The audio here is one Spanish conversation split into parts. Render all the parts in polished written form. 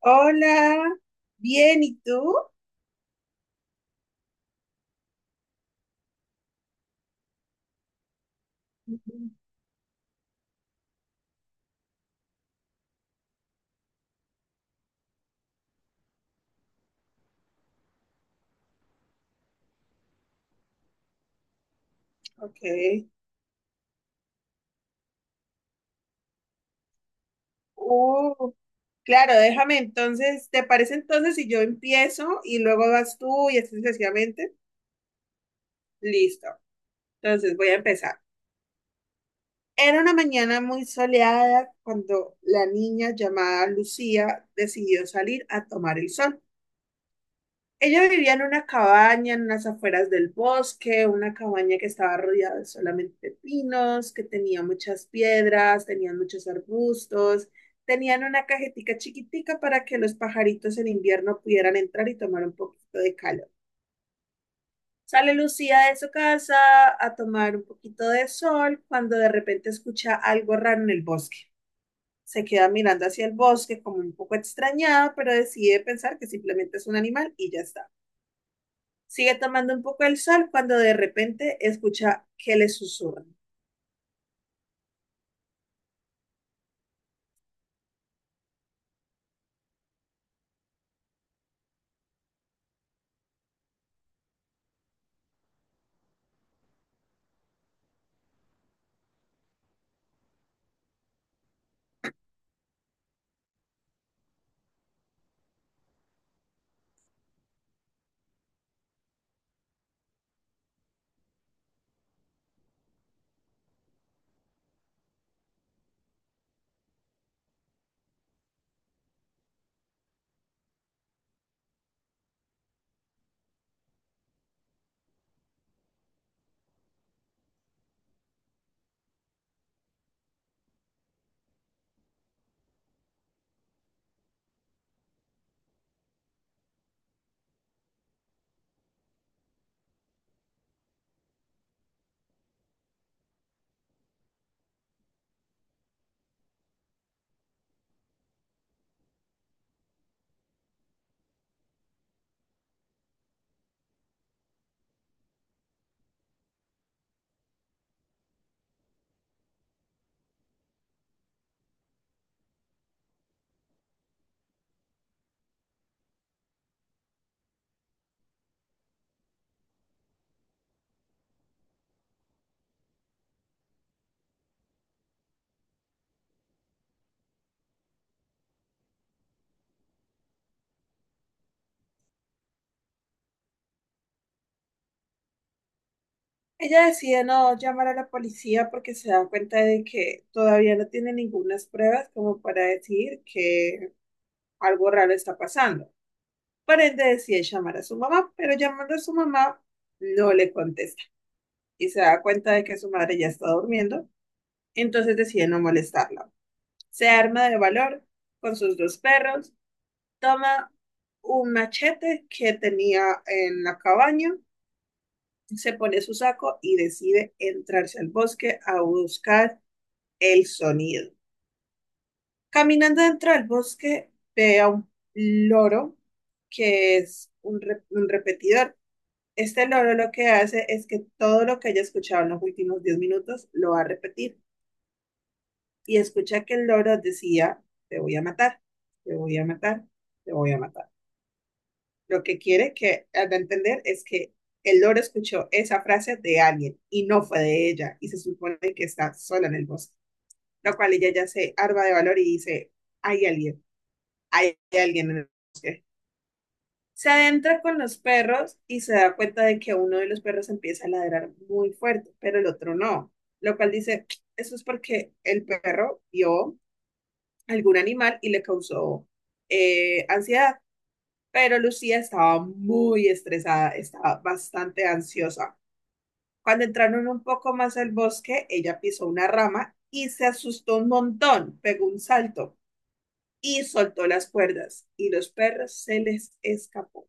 Hola, bien, ¿y tú? Ujú. Ok. Uh, claro, déjame entonces, ¿te parece entonces si yo empiezo y luego vas tú y así sucesivamente? Listo. Entonces voy a empezar. Era una mañana muy soleada cuando la niña llamada Lucía decidió salir a tomar el sol. Ella vivía en una cabaña en las afueras del bosque, una cabaña que estaba rodeada solamente de pinos, que tenía muchas piedras, tenían muchos arbustos, tenían una cajetica chiquitica para que los pajaritos en invierno pudieran entrar y tomar un poquito de calor. Sale Lucía de su casa a tomar un poquito de sol cuando de repente escucha algo raro en el bosque. Se queda mirando hacia el bosque como un poco extrañada, pero decide pensar que simplemente es un animal y ya está. Sigue tomando un poco el sol cuando de repente escucha que le susurran. Ella decide no llamar a la policía porque se da cuenta de que todavía no tiene ninguna pruebas como para decir que algo raro está pasando. Por ende decide llamar a su mamá, pero llamando a su mamá no le contesta y se da cuenta de que su madre ya está durmiendo, entonces decide no molestarla. Se arma de valor con sus dos perros, toma un machete que tenía en la cabaña, se pone su saco y decide entrarse al bosque a buscar el sonido. Caminando dentro del bosque, ve a un loro que es un, un repetidor. Este loro lo que hace es que todo lo que haya escuchado en los últimos 10 minutos lo va a repetir. Y escucha que el loro decía, te voy a matar, te voy a matar, te voy a matar. Lo que quiere que al entender es que el loro escuchó esa frase de alguien y no fue de ella y se supone que está sola en el bosque, lo cual ella ya se arma de valor y dice, hay alguien, hay alguien en el bosque. Se adentra con los perros y se da cuenta de que uno de los perros empieza a ladrar muy fuerte, pero el otro no, lo cual dice, eso es porque el perro vio algún animal y le causó ansiedad, pero Lucía estaba muy estresada, estaba bastante ansiosa. Cuando entraron un poco más al bosque, ella pisó una rama y se asustó un montón, pegó un salto y soltó las cuerdas y los perros se les escapó.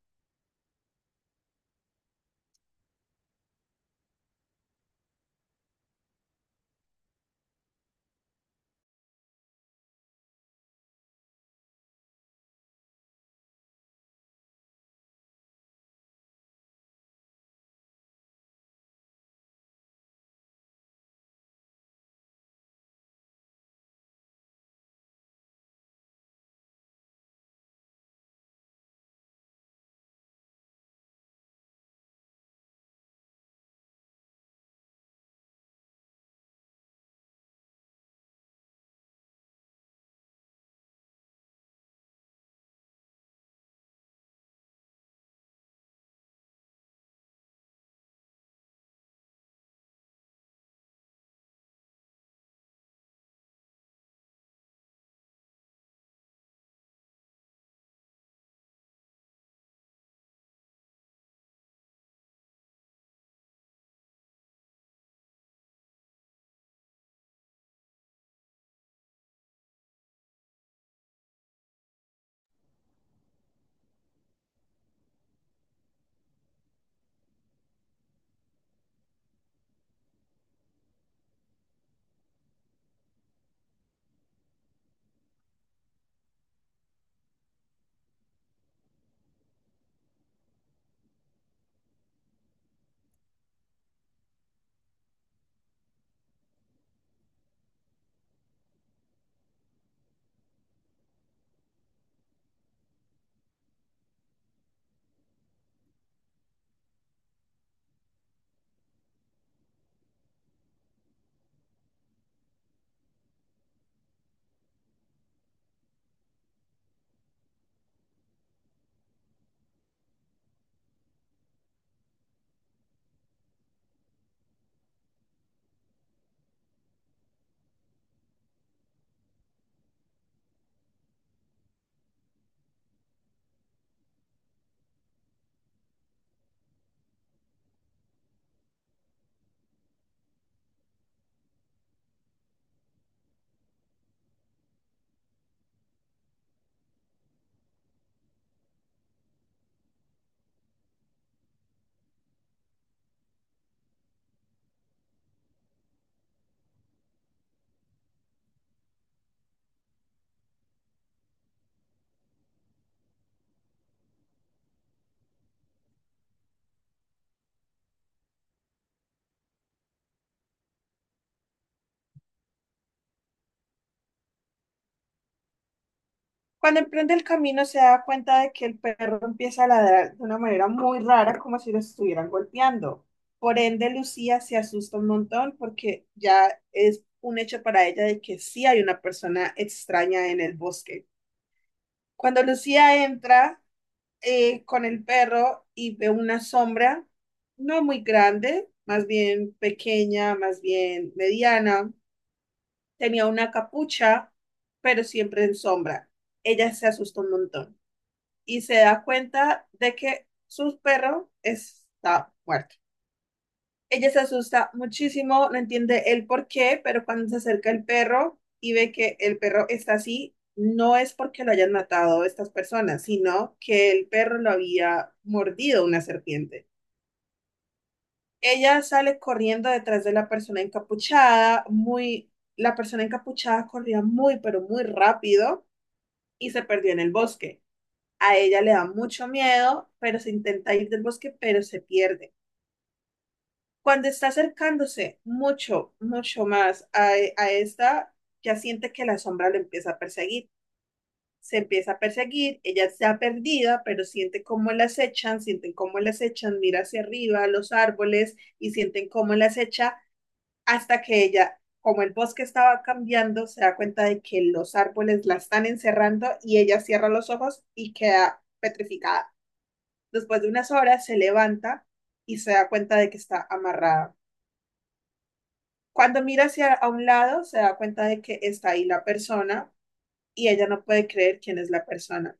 Cuando emprende el camino se da cuenta de que el perro empieza a ladrar de una manera muy rara, como si lo estuvieran golpeando. Por ende, Lucía se asusta un montón porque ya es un hecho para ella de que sí hay una persona extraña en el bosque. Cuando Lucía entra con el perro y ve una sombra, no muy grande, más bien pequeña, más bien mediana, tenía una capucha, pero siempre en sombra. Ella se asustó un montón y se da cuenta de que su perro está muerto. Ella se asusta muchísimo, no entiende el por qué, pero cuando se acerca el perro y ve que el perro está así, no es porque lo hayan matado estas personas, sino que el perro lo había mordido una serpiente. Ella sale corriendo detrás de la persona encapuchada, muy, la persona encapuchada corría muy, pero muy rápido y se perdió en el bosque. A ella le da mucho miedo, pero se intenta ir del bosque, pero se pierde. Cuando está acercándose mucho, mucho más a, e, a esta, ya siente que la sombra lo empieza a perseguir. Se empieza a perseguir, ella está perdida, pero siente cómo la acechan, sienten cómo la acechan, mira hacia arriba, los árboles, y sienten cómo la acecha hasta que ella, como el bosque estaba cambiando, se da cuenta de que los árboles la están encerrando y ella cierra los ojos y queda petrificada. Después de unas horas se levanta y se da cuenta de que está amarrada. Cuando mira hacia a un lado, se da cuenta de que está ahí la persona y ella no puede creer quién es la persona.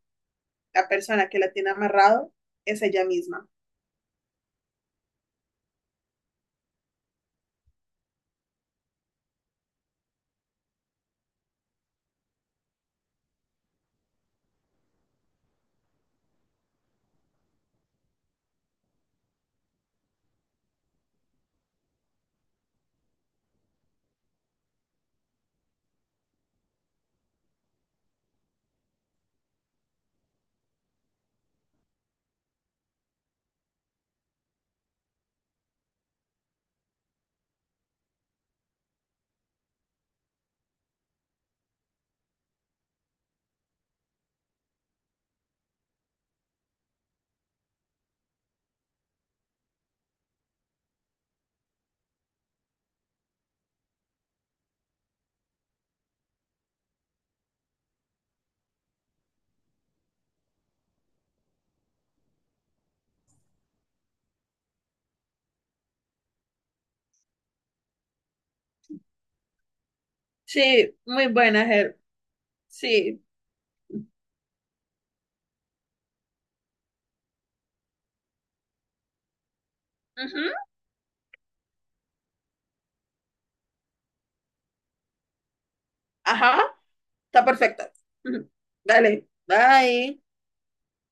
La persona que la tiene amarrado es ella misma. Sí, muy buena, Ger. Sí. Ujú. Ajá, está perfecta. Ujú. Dale, bye.